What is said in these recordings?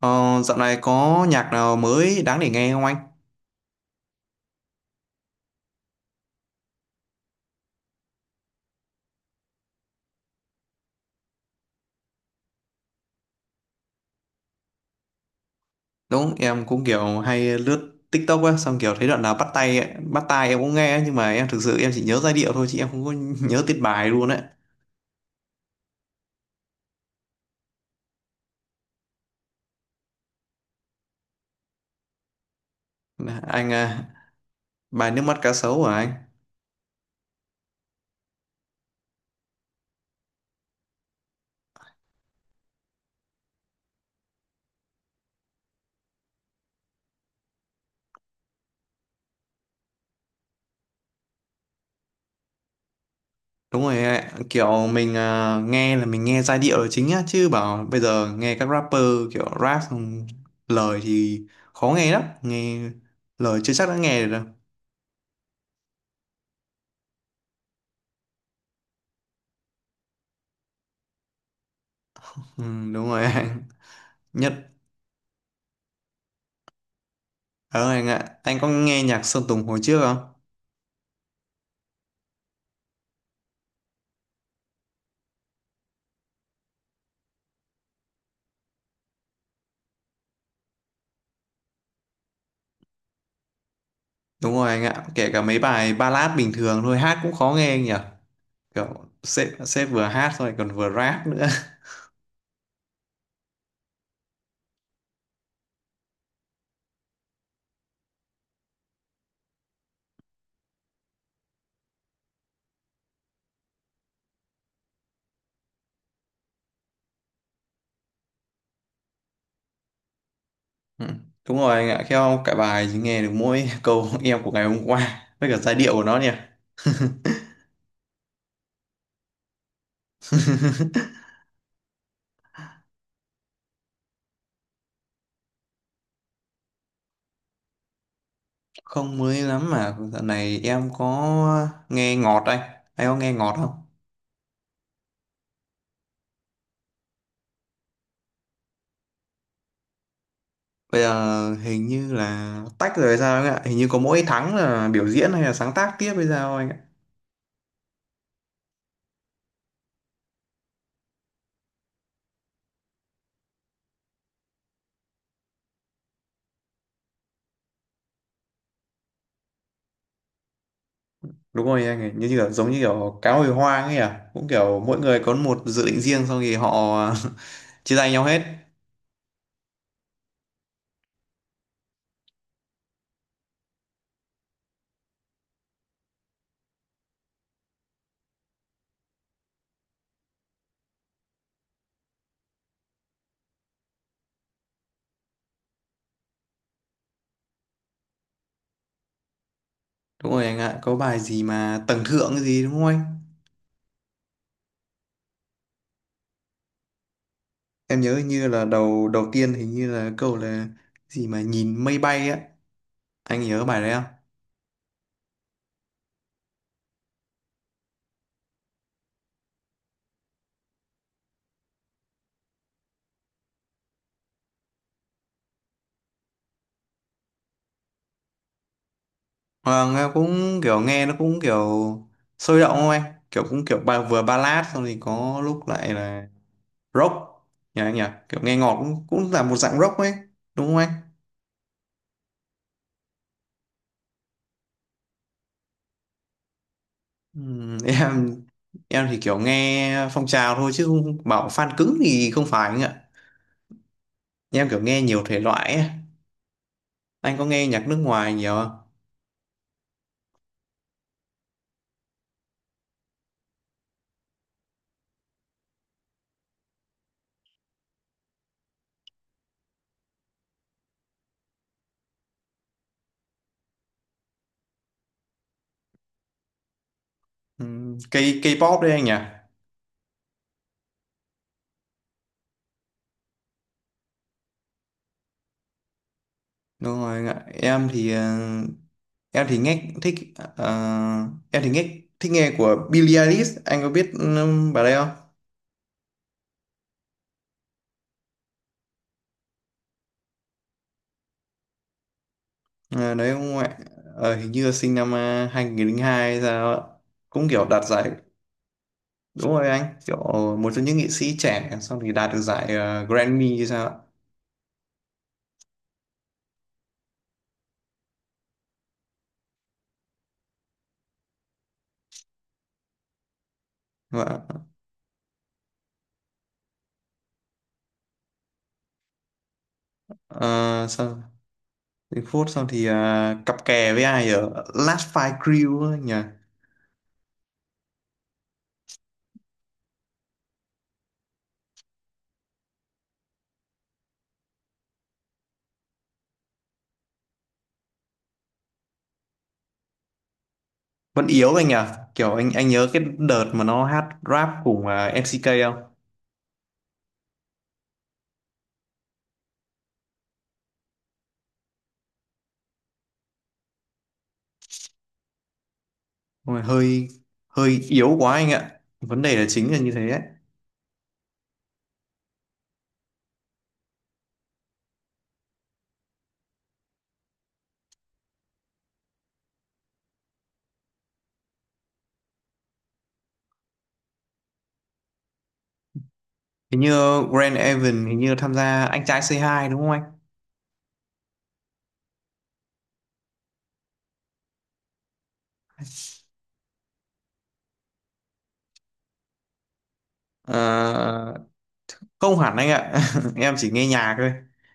Ờ, dạo này có nhạc nào mới đáng để nghe không anh? Đúng, em cũng kiểu hay lướt TikTok á, xong kiểu thấy đoạn nào bắt tai em cũng nghe ấy, nhưng mà em thực sự em chỉ nhớ giai điệu thôi chứ em không có nhớ tiết bài luôn đấy. Anh à, bài nước mắt cá sấu hả anh? Đúng rồi, ạ. Kiểu mình à, nghe là mình nghe giai điệu là chính á, chứ bảo bây giờ nghe các rapper kiểu rap xong lời thì khó nghe lắm, nghe lời chưa chắc đã nghe được đâu. Ừ, đúng rồi anh. Nhất Ờ anh ạ, anh có nghe nhạc Sơn Tùng hồi trước không? Đúng rồi anh ạ, kể cả mấy bài ballad bình thường thôi hát cũng khó nghe anh nhỉ. Kiểu sếp sếp vừa hát rồi còn vừa rap nữa. Ừ. Đúng rồi anh ạ, theo cả bài chỉ nghe được mỗi câu em của ngày hôm qua với cả giai điệu của nó nhỉ. Không mới lắm mà dạo này em có nghe ngọt anh. Anh có nghe ngọt không? Bây giờ hình như là tách rồi hay sao anh ạ? Hình như có mỗi tháng là biểu diễn hay là sáng tác tiếp hay sao anh ạ? Đúng rồi anh, ấy như kiểu giống như kiểu cá hồi hoang ấy à, cũng kiểu mỗi người có một dự định riêng xong thì họ chia tay nhau hết. Đúng rồi anh ạ, có bài gì mà tầng thượng cái gì đúng không anh? Em nhớ hình như là đầu đầu tiên hình như là câu là gì mà nhìn mây bay á. Anh nhớ bài đấy không? Ờ, nghe cũng kiểu, nghe nó cũng kiểu sôi động không anh? Kiểu cũng kiểu ba, vừa ballad xong thì có lúc lại là rock nhỉ anh nhỉ. Kiểu nghe ngọt cũng cũng là một dạng rock ấy, đúng không anh? Ừm, em em thì kiểu nghe phong trào thôi chứ không bảo fan cứng thì không phải anh ạ. Em kiểu nghe nhiều thể loại ấy. Anh có nghe nhạc nước ngoài nhiều không? K K-pop đấy anh nhỉ. Đúng rồi anh ạ, em thì em thì nghe thích ờ, em thì nghe thích nghe của Billie Eilish. Anh có biết bà đây không? Ờ, đấy không ạ. Hình như là sinh năm 2002 hay sao ạ, cũng kiểu đạt giải. Đúng rồi anh, kiểu một trong những nghệ sĩ trẻ xong thì đạt được giải Grammy hay sao ạ? Và ờ, sao đến phút xong thì cặp kè với ai ở Last Fight Crew ấy nhỉ? Vẫn yếu anh nhỉ. Kiểu anh nhớ cái đợt mà nó hát rap cùng MCK không? Ôi, hơi hơi yếu quá anh ạ, vấn đề là chính là như thế ấy. Hình như Grand Evan hình như tham gia anh trai c hai đúng không anh? Ờ, không hẳn anh ạ. Em chỉ nghe nhạc thôi,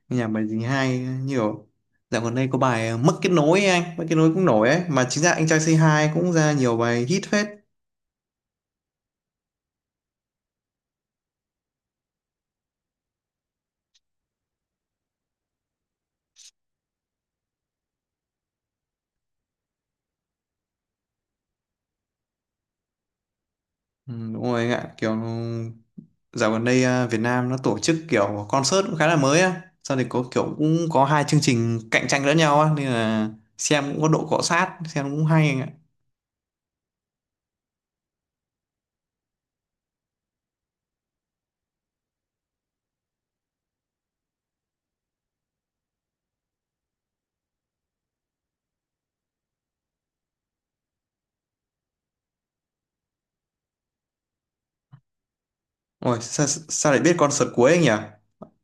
nghe nhạc bài gì hay nhiều. Dạo gần đây có bài mất kết nối ấy anh, mất kết nối cũng nổi ấy mà. Chính ra anh trai Say Hi cũng ra nhiều bài hit phết. Ừ, đúng rồi anh ạ, kiểu dạo gần đây à, Việt Nam nó tổ chức kiểu concert cũng khá là mới á, sau thì có kiểu cũng có hai chương trình cạnh tranh lẫn nhau á nên là xem cũng có độ cọ sát, xem cũng hay anh ạ. Ôi sao, sao lại biết concert cuối anh nhỉ?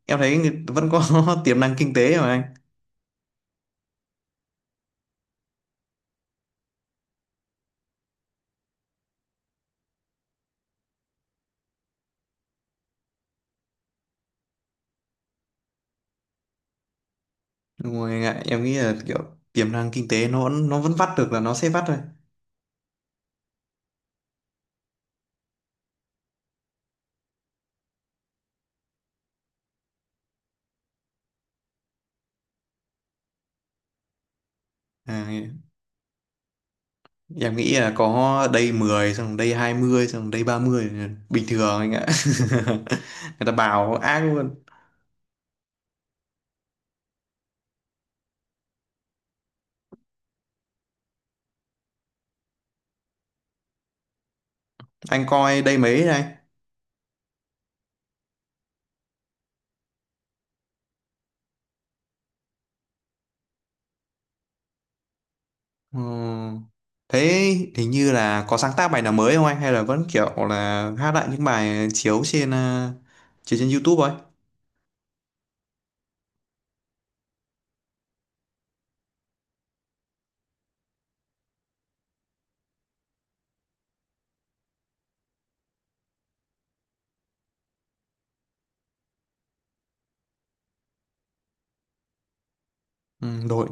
Em thấy vẫn có tiềm năng kinh tế mà anh. Đúng rồi anh ạ, em nghĩ là kiểu tiềm năng kinh tế nó vẫn vắt được là nó sẽ vắt thôi. À, em nghĩ là có đây 10 xong đây 20 xong đây 30 là bình thường anh ạ. Người ta bảo ác luôn. Anh coi đây mấy này. Ừ. Thế hình như là có sáng tác bài nào mới không anh, hay là vẫn kiểu là hát lại những bài chiếu trên YouTube ấy? Ừ, đội.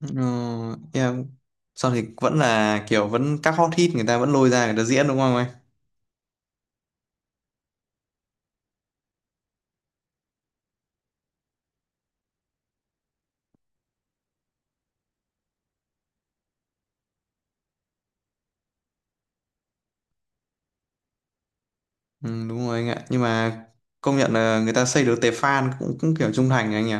Ừ, em sau thì vẫn là kiểu vẫn các hot hit, người ta vẫn lôi ra người ta diễn đúng không? Ừ, đúng rồi anh ạ, nhưng mà công nhận là người ta xây được tệp fan cũng kiểu trung thành anh nhỉ.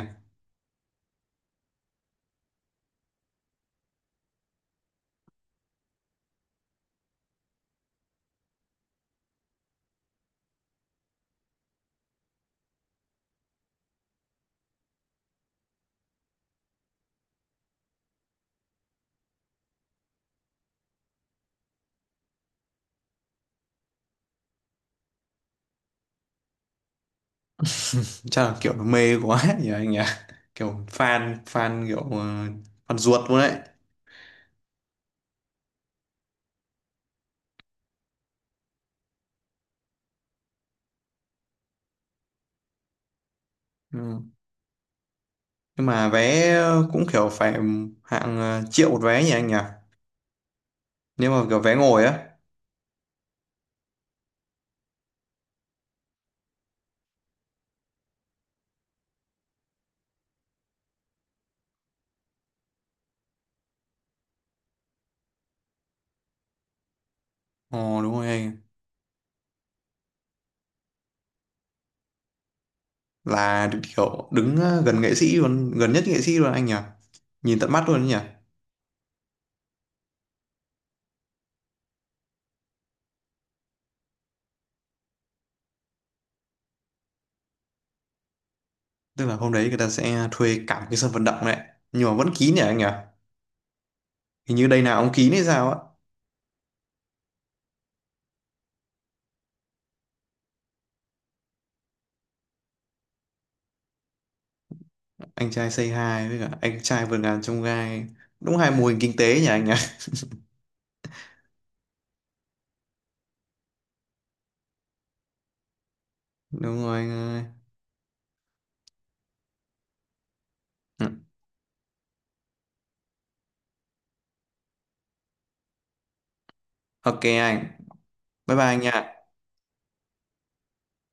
Chắc là kiểu nó mê quá nhỉ anh nhỉ, kiểu fan fan kiểu fan ruột luôn đấy. Ừ. Nhưng mà vé cũng kiểu phải hạng triệu một vé nhỉ anh nhỉ, nếu mà kiểu vé ngồi á. Ồ đúng rồi anh, là kiểu đứng gần nghệ sĩ luôn, gần nhất nghệ sĩ luôn anh nhỉ. Nhìn tận mắt luôn đấy nhỉ. Tức là hôm đấy người ta sẽ thuê cả một cái sân vận động đấy, nhưng mà vẫn kín nhỉ anh nhỉ? Hình như đây nào ông kín hay sao á? Anh trai Say Hi với cả anh trai vượt ngàn chông gai, đúng hai mô hình kinh tế nhỉ anh nhỉ. Đúng rồi anh ơi. Ừ. OK anh, bye bye anh nha.